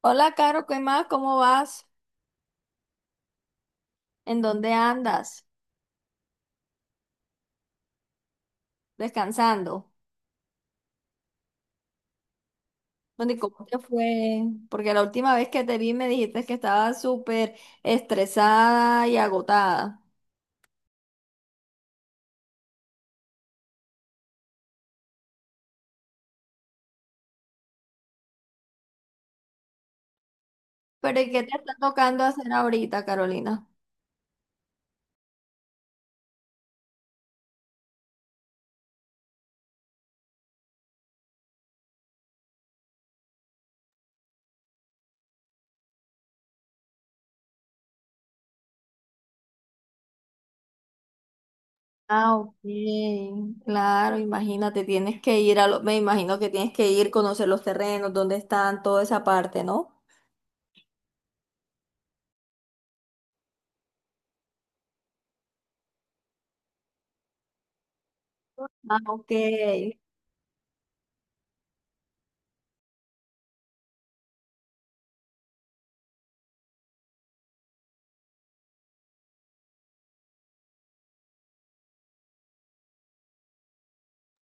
Hola, Caro, ¿qué más? ¿Cómo vas? ¿En dónde andas? ¿Descansando? Bueno, ¿y cómo te fue? Porque la última vez que te vi me dijiste que estabas súper estresada y agotada. ¿Pero y qué te está tocando hacer ahorita, Carolina? Ah, ok. Claro, imagínate, tienes que ir a me imagino que tienes que ir, conocer los terrenos, dónde están, toda esa parte, ¿no? Ah, ok.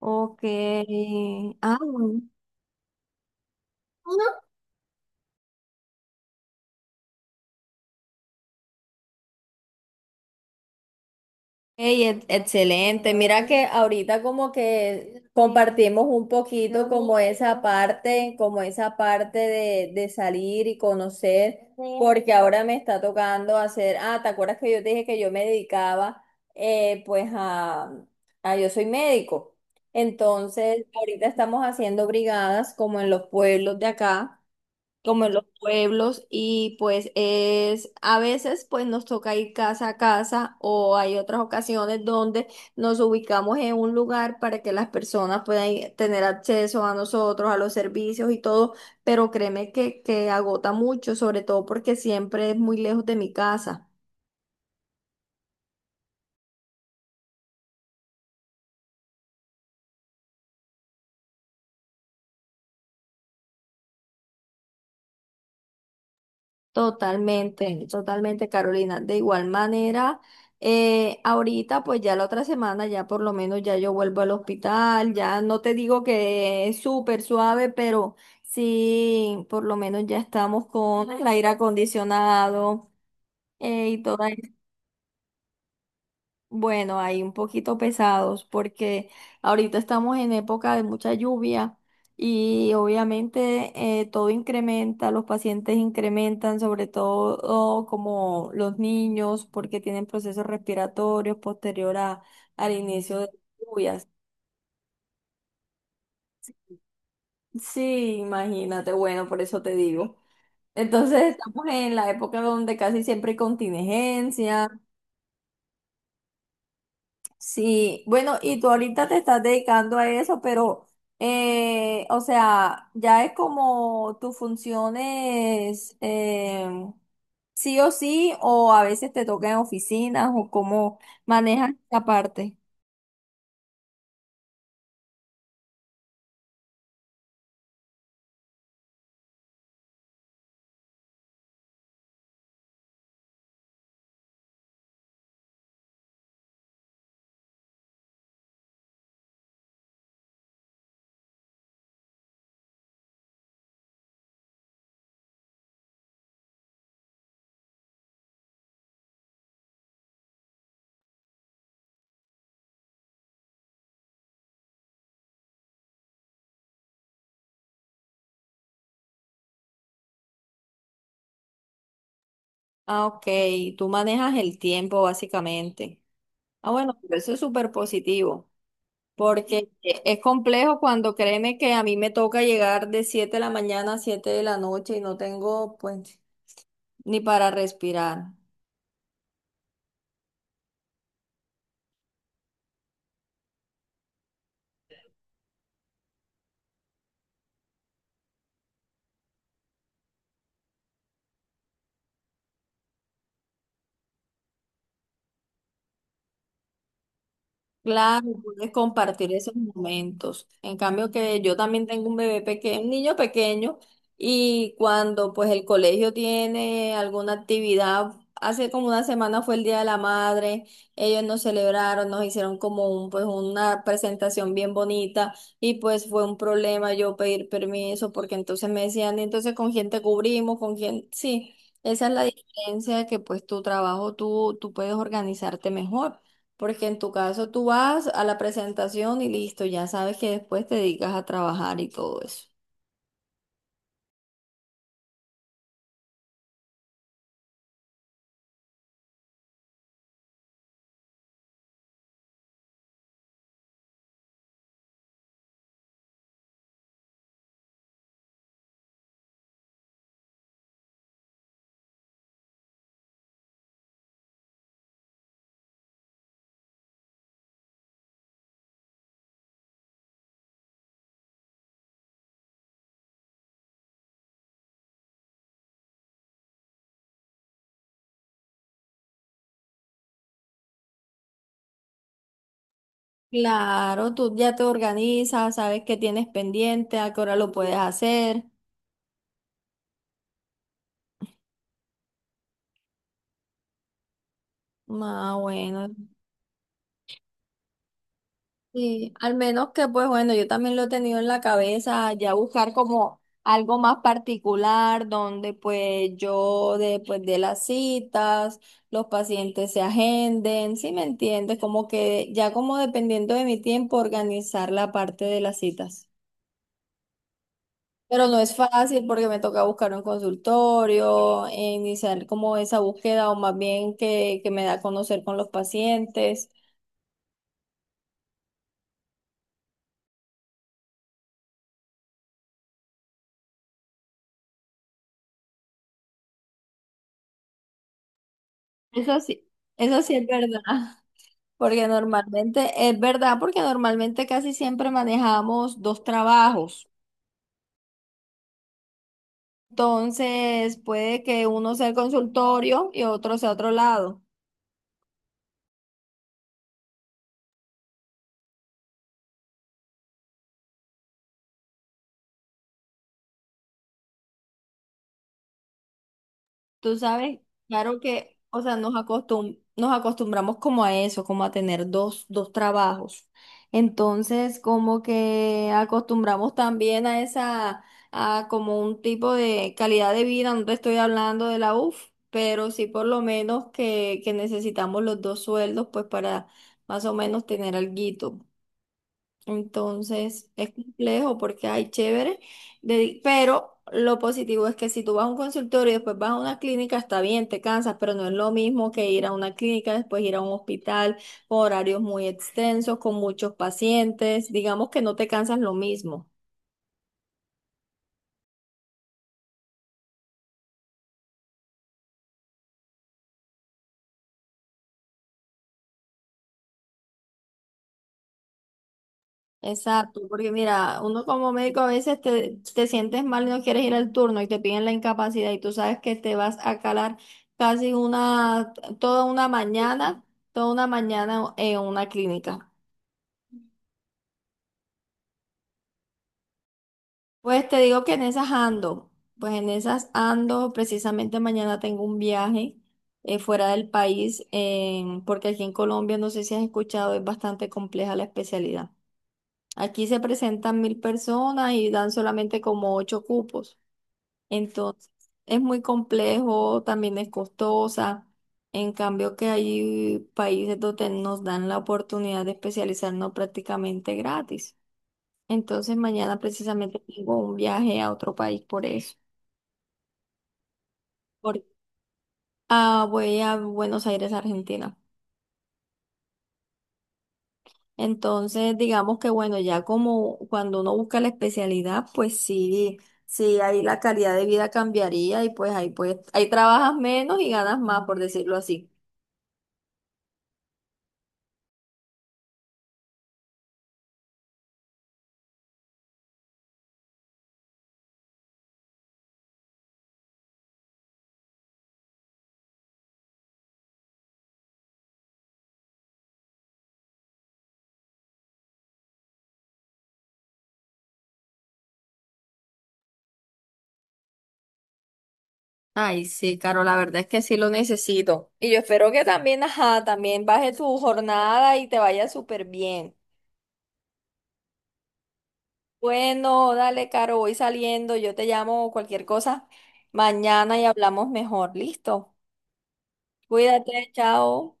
Ok. Ah, bueno. Ey, excelente. Mira que ahorita como que compartimos un poquito como esa parte de salir y conocer, porque ahora me está tocando hacer, ah, ¿te acuerdas que yo te dije que yo me dedicaba pues yo soy médico. Entonces, ahorita estamos haciendo brigadas como en los pueblos de acá como en los pueblos y pues es a veces pues nos toca ir casa a casa o hay otras ocasiones donde nos ubicamos en un lugar para que las personas tener acceso a nosotros, a los servicios y todo, pero créeme que agota mucho, sobre todo porque siempre es muy lejos de mi casa. Totalmente, totalmente, Carolina. De igual manera, ahorita, pues ya la otra semana, ya por lo menos ya yo vuelvo al hospital, ya no te digo que es súper suave, pero sí, por lo menos ya estamos con el aire acondicionado y todo. Bueno, ahí un poquito pesados porque ahorita estamos en época de mucha lluvia y obviamente todo incrementa, los pacientes incrementan, sobre todo como los niños porque tienen procesos respiratorios posterior al inicio de las lluvias. Sí, imagínate, bueno, por eso te digo. Entonces estamos en la época donde casi siempre hay contingencia. Sí, bueno, y tú ahorita te estás dedicando a eso, pero, o sea, ya es como tus funciones, sí o sí, o a veces te toca en oficinas, o cómo manejas esa parte. Ah, ok, tú manejas el tiempo básicamente. Ah, bueno, pero eso es súper positivo, porque es complejo cuando créeme que a mí me toca llegar de 7 de la mañana a 7 de la noche y no tengo, pues, ni para respirar. Claro, puedes compartir esos momentos. En cambio que yo también tengo un bebé pequeño, un niño pequeño, y cuando pues el colegio tiene alguna actividad, hace como una semana fue el Día de la Madre, ellos nos celebraron, nos hicieron como un, pues una presentación bien bonita y pues fue un problema yo pedir permiso porque entonces me decían, "¿Y entonces con quién te cubrimos, con quién, sí, esa es la diferencia que pues tu trabajo tú, puedes organizarte mejor. Porque en tu caso tú vas a la presentación y listo, ya sabes que después te dedicas a trabajar y todo eso. Claro, tú ya te organizas, sabes qué tienes pendiente, a qué hora lo puedes hacer. Ah, bueno, sí, al menos que pues bueno, yo también lo he tenido en la cabeza, ya buscar como algo más particular donde pues yo después de las citas, los pacientes se agenden, ¿sí me entiendes? Como que ya como dependiendo de mi tiempo organizar la parte de las citas. Pero no es fácil porque me toca buscar un consultorio, e iniciar como esa búsqueda o más bien que me da a conocer con los pacientes. Eso sí, eso sí es verdad. Porque normalmente, es verdad, porque normalmente casi siempre manejamos dos trabajos. Entonces, puede que uno sea el consultorio y otro sea otro lado. Tú sabes, claro que, o sea, nos acostumbramos como a eso, como a tener dos trabajos. Entonces, como que acostumbramos también a esa, a como un tipo de calidad de vida, no te estoy hablando de la UF, pero sí por lo menos que necesitamos los dos sueldos, pues para más o menos tener alguito. Entonces es complejo porque hay chévere, pero lo positivo es que si tú vas a un consultorio y después vas a una clínica, está bien, te cansas, pero no es lo mismo que ir a una clínica, después ir a un hospital con horarios muy extensos, con muchos pacientes, digamos que no te cansas lo mismo. Exacto, porque mira, uno como médico a veces te sientes mal y no quieres ir al turno y te piden la incapacidad y tú sabes que te vas a calar casi una, toda una mañana, toda una mañana en una clínica. Pues te digo que en esas ando, pues en esas ando, precisamente mañana tengo un viaje fuera del país, porque aquí en Colombia, no sé si has escuchado, es bastante compleja la especialidad. Aquí se presentan 1.000 personas y dan solamente como ocho cupos. Entonces, es muy complejo, también es costosa. En cambio, que hay países donde nos dan la oportunidad de especializarnos prácticamente gratis. Entonces, mañana precisamente tengo un viaje a otro país por eso. Por, ah, voy a Buenos Aires, Argentina. Entonces, digamos que bueno, ya como cuando uno busca la especialidad, pues sí, sí, ahí la calidad de vida cambiaría y pues, ahí trabajas menos y ganas más, por decirlo así. Ay, sí, Caro, la verdad es que sí lo necesito. Y yo espero que también, ajá, también baje tu jornada y te vaya súper bien. Bueno, dale, Caro, voy saliendo, yo te llamo cualquier cosa mañana y hablamos mejor. Listo. Cuídate, chao.